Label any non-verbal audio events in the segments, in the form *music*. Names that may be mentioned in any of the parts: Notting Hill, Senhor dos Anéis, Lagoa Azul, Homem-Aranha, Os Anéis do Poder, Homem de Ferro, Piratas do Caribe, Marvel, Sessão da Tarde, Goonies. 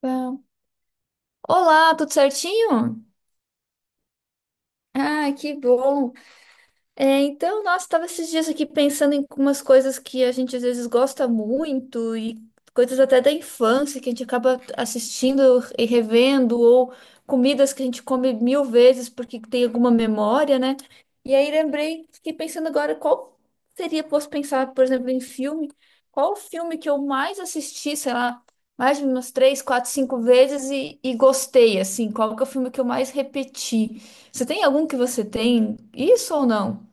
Tá. Olá, tudo certinho? Ah, que bom. Então, nossa, estava esses dias aqui pensando em umas coisas que a gente às vezes gosta muito e coisas até da infância que a gente acaba assistindo e revendo, ou comidas que a gente come mil vezes porque tem alguma memória, né? E aí lembrei, fiquei pensando agora qual seria, posso pensar, por exemplo, em filme, qual o filme que eu mais assisti, sei lá, mais de umas três, quatro, cinco vezes e gostei, assim, qual que é o filme que eu mais repeti? Você tem algum que você tem isso ou não?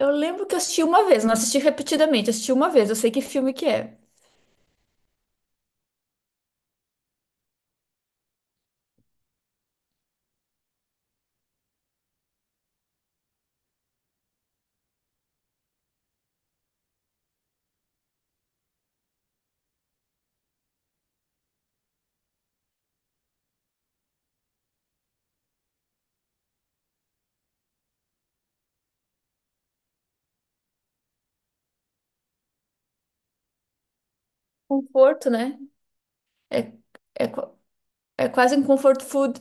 Eu lembro que eu assisti uma vez, não assisti repetidamente, assisti uma vez, eu sei que filme que é. Conforto, né? É, é, qua- é quase um comfort food.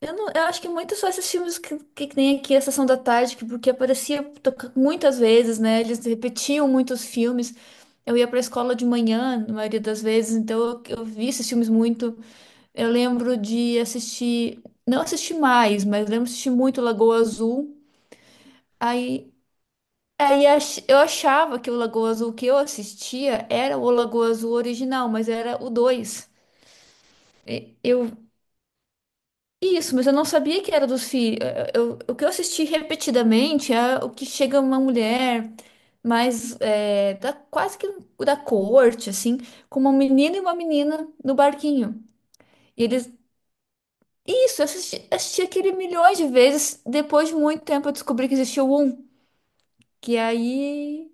Eu, não, eu acho que muito só esses filmes tem aqui, a Sessão da Tarde, porque muitas vezes, né? Eles repetiam muitos filmes. Eu ia pra escola de manhã, na maioria das vezes, então eu vi esses filmes muito. Eu lembro de assistir, não assisti mais, mas lembro de assistir muito Lagoa Azul. Aí Aí eu achava que o Lagoa Azul que eu assistia era o Lagoa Azul original, mas era o 2. Eu Isso, mas eu não sabia que era dos filhos. Eu, o que eu assisti repetidamente é o que chega uma mulher quase que da corte, assim, com uma menina e uma menina no barquinho. E eles Isso, eu assisti, assisti aquele milhões de vezes. Depois de muito tempo eu descobri que existia o um, que é aí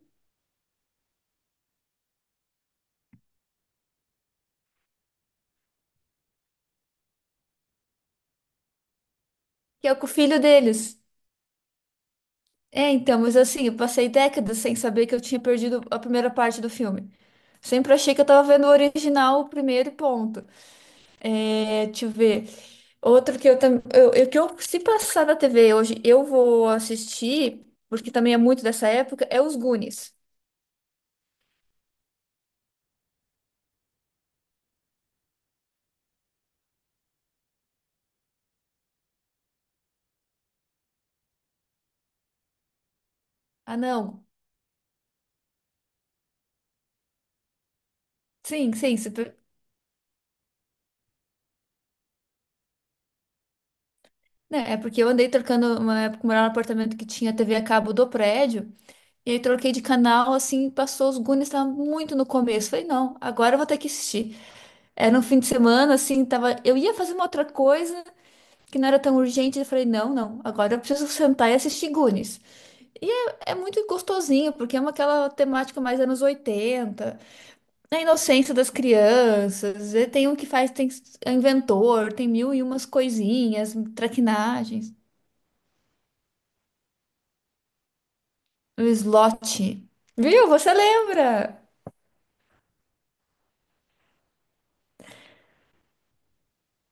que é com o filho deles. É, então, mas assim, eu passei décadas sem saber que eu tinha perdido a primeira parte do filme. Sempre achei que eu tava vendo o original, o primeiro e ponto. É, deixa eu ver. Outro que eu também. Se passar da TV hoje, eu vou assistir, porque também é muito dessa época, é os Goonies. Ah, não. Sim, sim. se per- né, é porque eu andei trocando uma época, morava num apartamento que tinha TV a cabo do prédio. E aí troquei de canal, assim, passou os Goonies, tava muito no começo. Falei, não, agora eu vou ter que assistir. Era um fim de semana, assim, tava. Eu ia fazer uma outra coisa que não era tão urgente. Eu falei, não, agora eu preciso sentar e assistir Goonies. E é, é muito gostosinho, porque é uma, aquela temática mais anos 80, a inocência das crianças. E tem um que faz, tem é inventor, tem mil e umas coisinhas, traquinagens. O slot. Viu? Você lembra?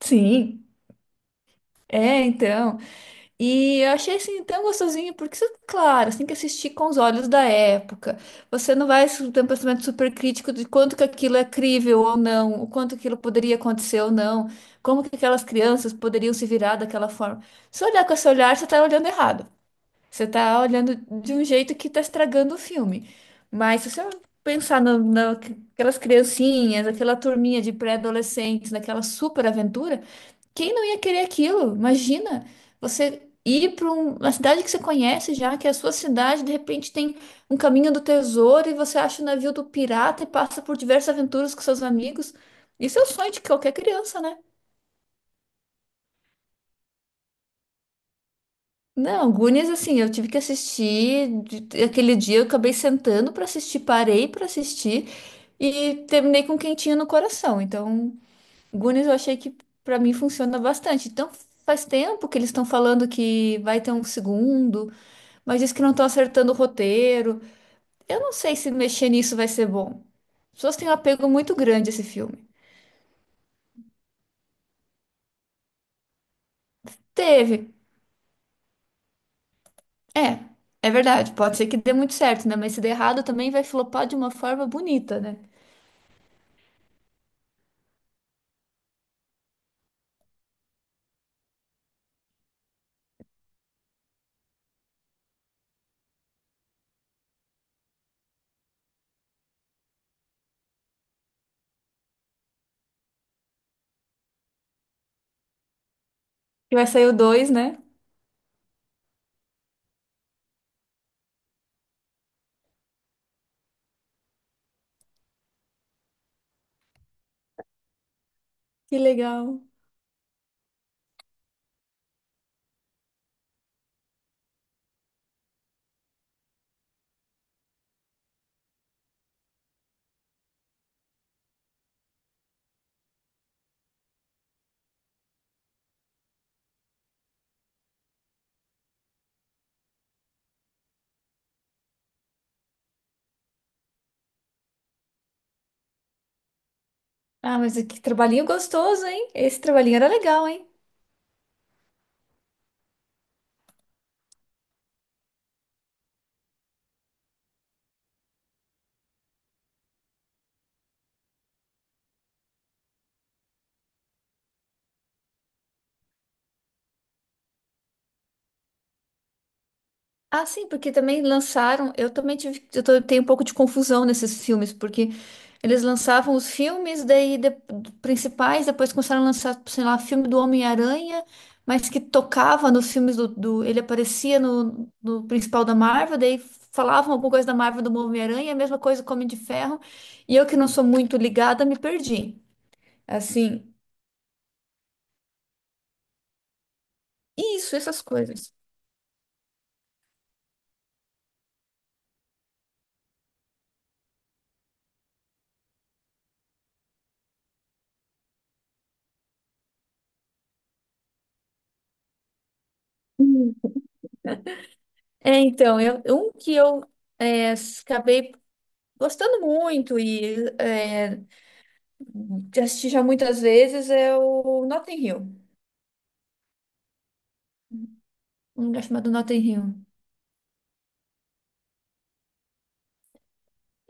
Sim. É, então. E eu achei assim tão gostosinho, porque, claro, você tem que assistir com os olhos da época. Você não vai ter um pensamento super crítico de quanto que aquilo é crível ou não, o quanto aquilo poderia acontecer ou não, como que aquelas crianças poderiam se virar daquela forma. Se olhar com esse olhar, você está olhando errado. Você está olhando de um jeito que está estragando o filme. Mas se você pensar no, na- criancinhas, aquela turminha de pré-adolescentes, naquela super aventura. Quem não ia querer aquilo? Imagina você ir para uma cidade que você conhece já, que é a sua cidade, de repente tem um caminho do tesouro e você acha o navio do pirata e passa por diversas aventuras com seus amigos. Isso é o sonho de qualquer criança, né? Não, Goonies, assim, eu tive que assistir. Aquele dia eu acabei sentando para assistir, parei para assistir e terminei com um quentinho no coração. Então. Goonies eu achei que pra mim funciona bastante. Então faz tempo que eles estão falando que vai ter um segundo, mas diz que não estão acertando o roteiro. Eu não sei se mexer nisso vai ser bom. As pessoas têm um apego muito grande a esse filme. Teve. É, é verdade. Pode ser que dê muito certo, né? Mas se der errado também vai flopar de uma forma bonita, né? Que vai sair o dois, né? Que legal. Ah, mas que trabalhinho gostoso, hein? Esse trabalhinho era legal, hein? Ah, sim, porque também lançaram. Tenho um pouco de confusão nesses filmes, porque eles lançavam os filmes, principais, depois começaram a lançar, sei lá, filme do Homem-Aranha, mas que tocava nos filmes ele aparecia no principal da Marvel, daí falavam alguma coisa da Marvel do Homem-Aranha, a mesma coisa com o Homem de Ferro, e eu que não sou muito ligada, me perdi. Assim, isso, essas coisas. Hum. É, então, eu, um que eu é, acabei gostando muito de assistir já muitas vezes é o Notting Hill. Um lugar chamado Notting Hill.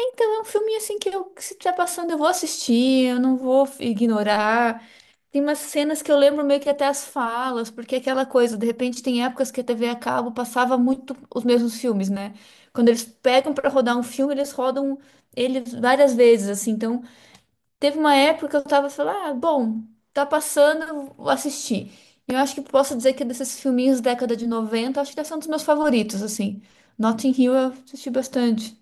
Então é um filme assim que eu, que se estiver passando, eu vou assistir, eu não vou ignorar. Tem umas cenas que eu lembro meio que até as falas, porque é aquela coisa, de repente tem épocas que a TV a cabo passava muito os mesmos filmes, né? Quando eles pegam para rodar um filme, eles rodam ele várias vezes, assim, então teve uma época que eu tava falando, ah, bom, tá passando, eu vou assistir. E eu acho que posso dizer que desses filminhos da década de 90, acho que esse é um dos meus favoritos, assim. Notting Hill eu assisti bastante.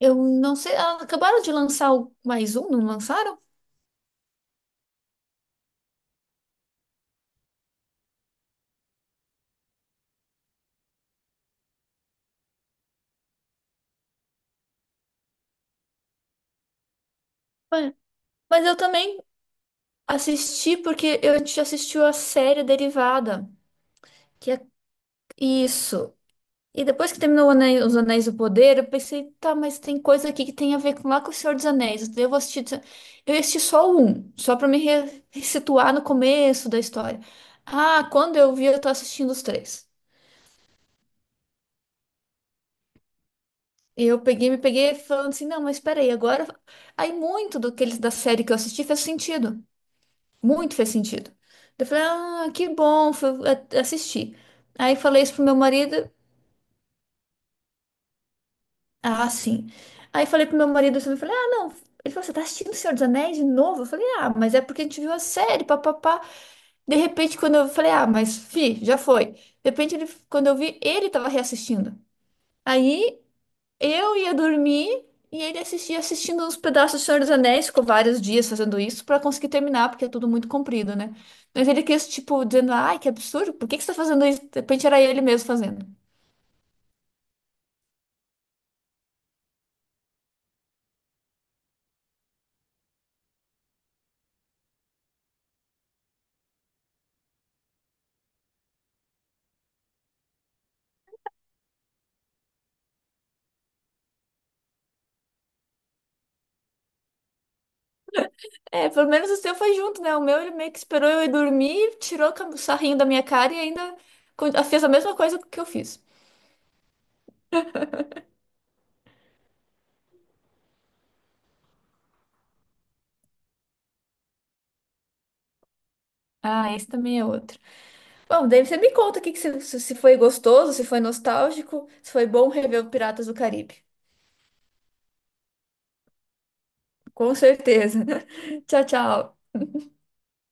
Eu não sei, ah, acabaram de lançar mais um, não lançaram? É. Mas eu também assisti porque eu a gente assistiu a série derivada, que é isso. E depois que terminou Os Anéis do Poder, eu pensei, tá, mas tem coisa aqui que tem a ver com lá com o Senhor dos Anéis. Daí eu vou assistir, eu ia assistir só um, só pra me situar no começo da história. Ah, quando eu vi, eu tô assistindo os três. E eu peguei, me peguei falando assim, não, mas peraí, agora. Aí muito do que eles da série que eu assisti fez sentido. Muito fez sentido. Eu falei, ah, que bom, assistir. Aí falei isso pro meu marido. Ah, sim. Aí falei pro meu marido assim, eu falei, ah, não. Ele falou, você tá assistindo O Senhor dos Anéis de novo? Eu falei, ah, mas é porque a gente viu a série, papapá. De repente, quando eu falei, ah, já foi. De repente, ele, quando eu vi, ele tava reassistindo. Aí eu ia dormir e ele assistia assistindo uns pedaços do Senhor dos Anéis, ficou vários dias fazendo isso pra conseguir terminar, porque é tudo muito comprido, né? Mas ele quis, tipo, dizendo, ai, que absurdo, por que que você tá fazendo isso? De repente era ele mesmo fazendo. É, pelo menos o seu foi junto, né? O meu ele meio que esperou eu ir dormir, tirou o sarrinho da minha cara e ainda fez a mesma coisa que eu fiz. Ah, esse também é outro. Bom, daí você me conta o que que se foi gostoso, se foi nostálgico, se foi bom rever o Piratas do Caribe. Com certeza. *laughs* Tchau, tchau.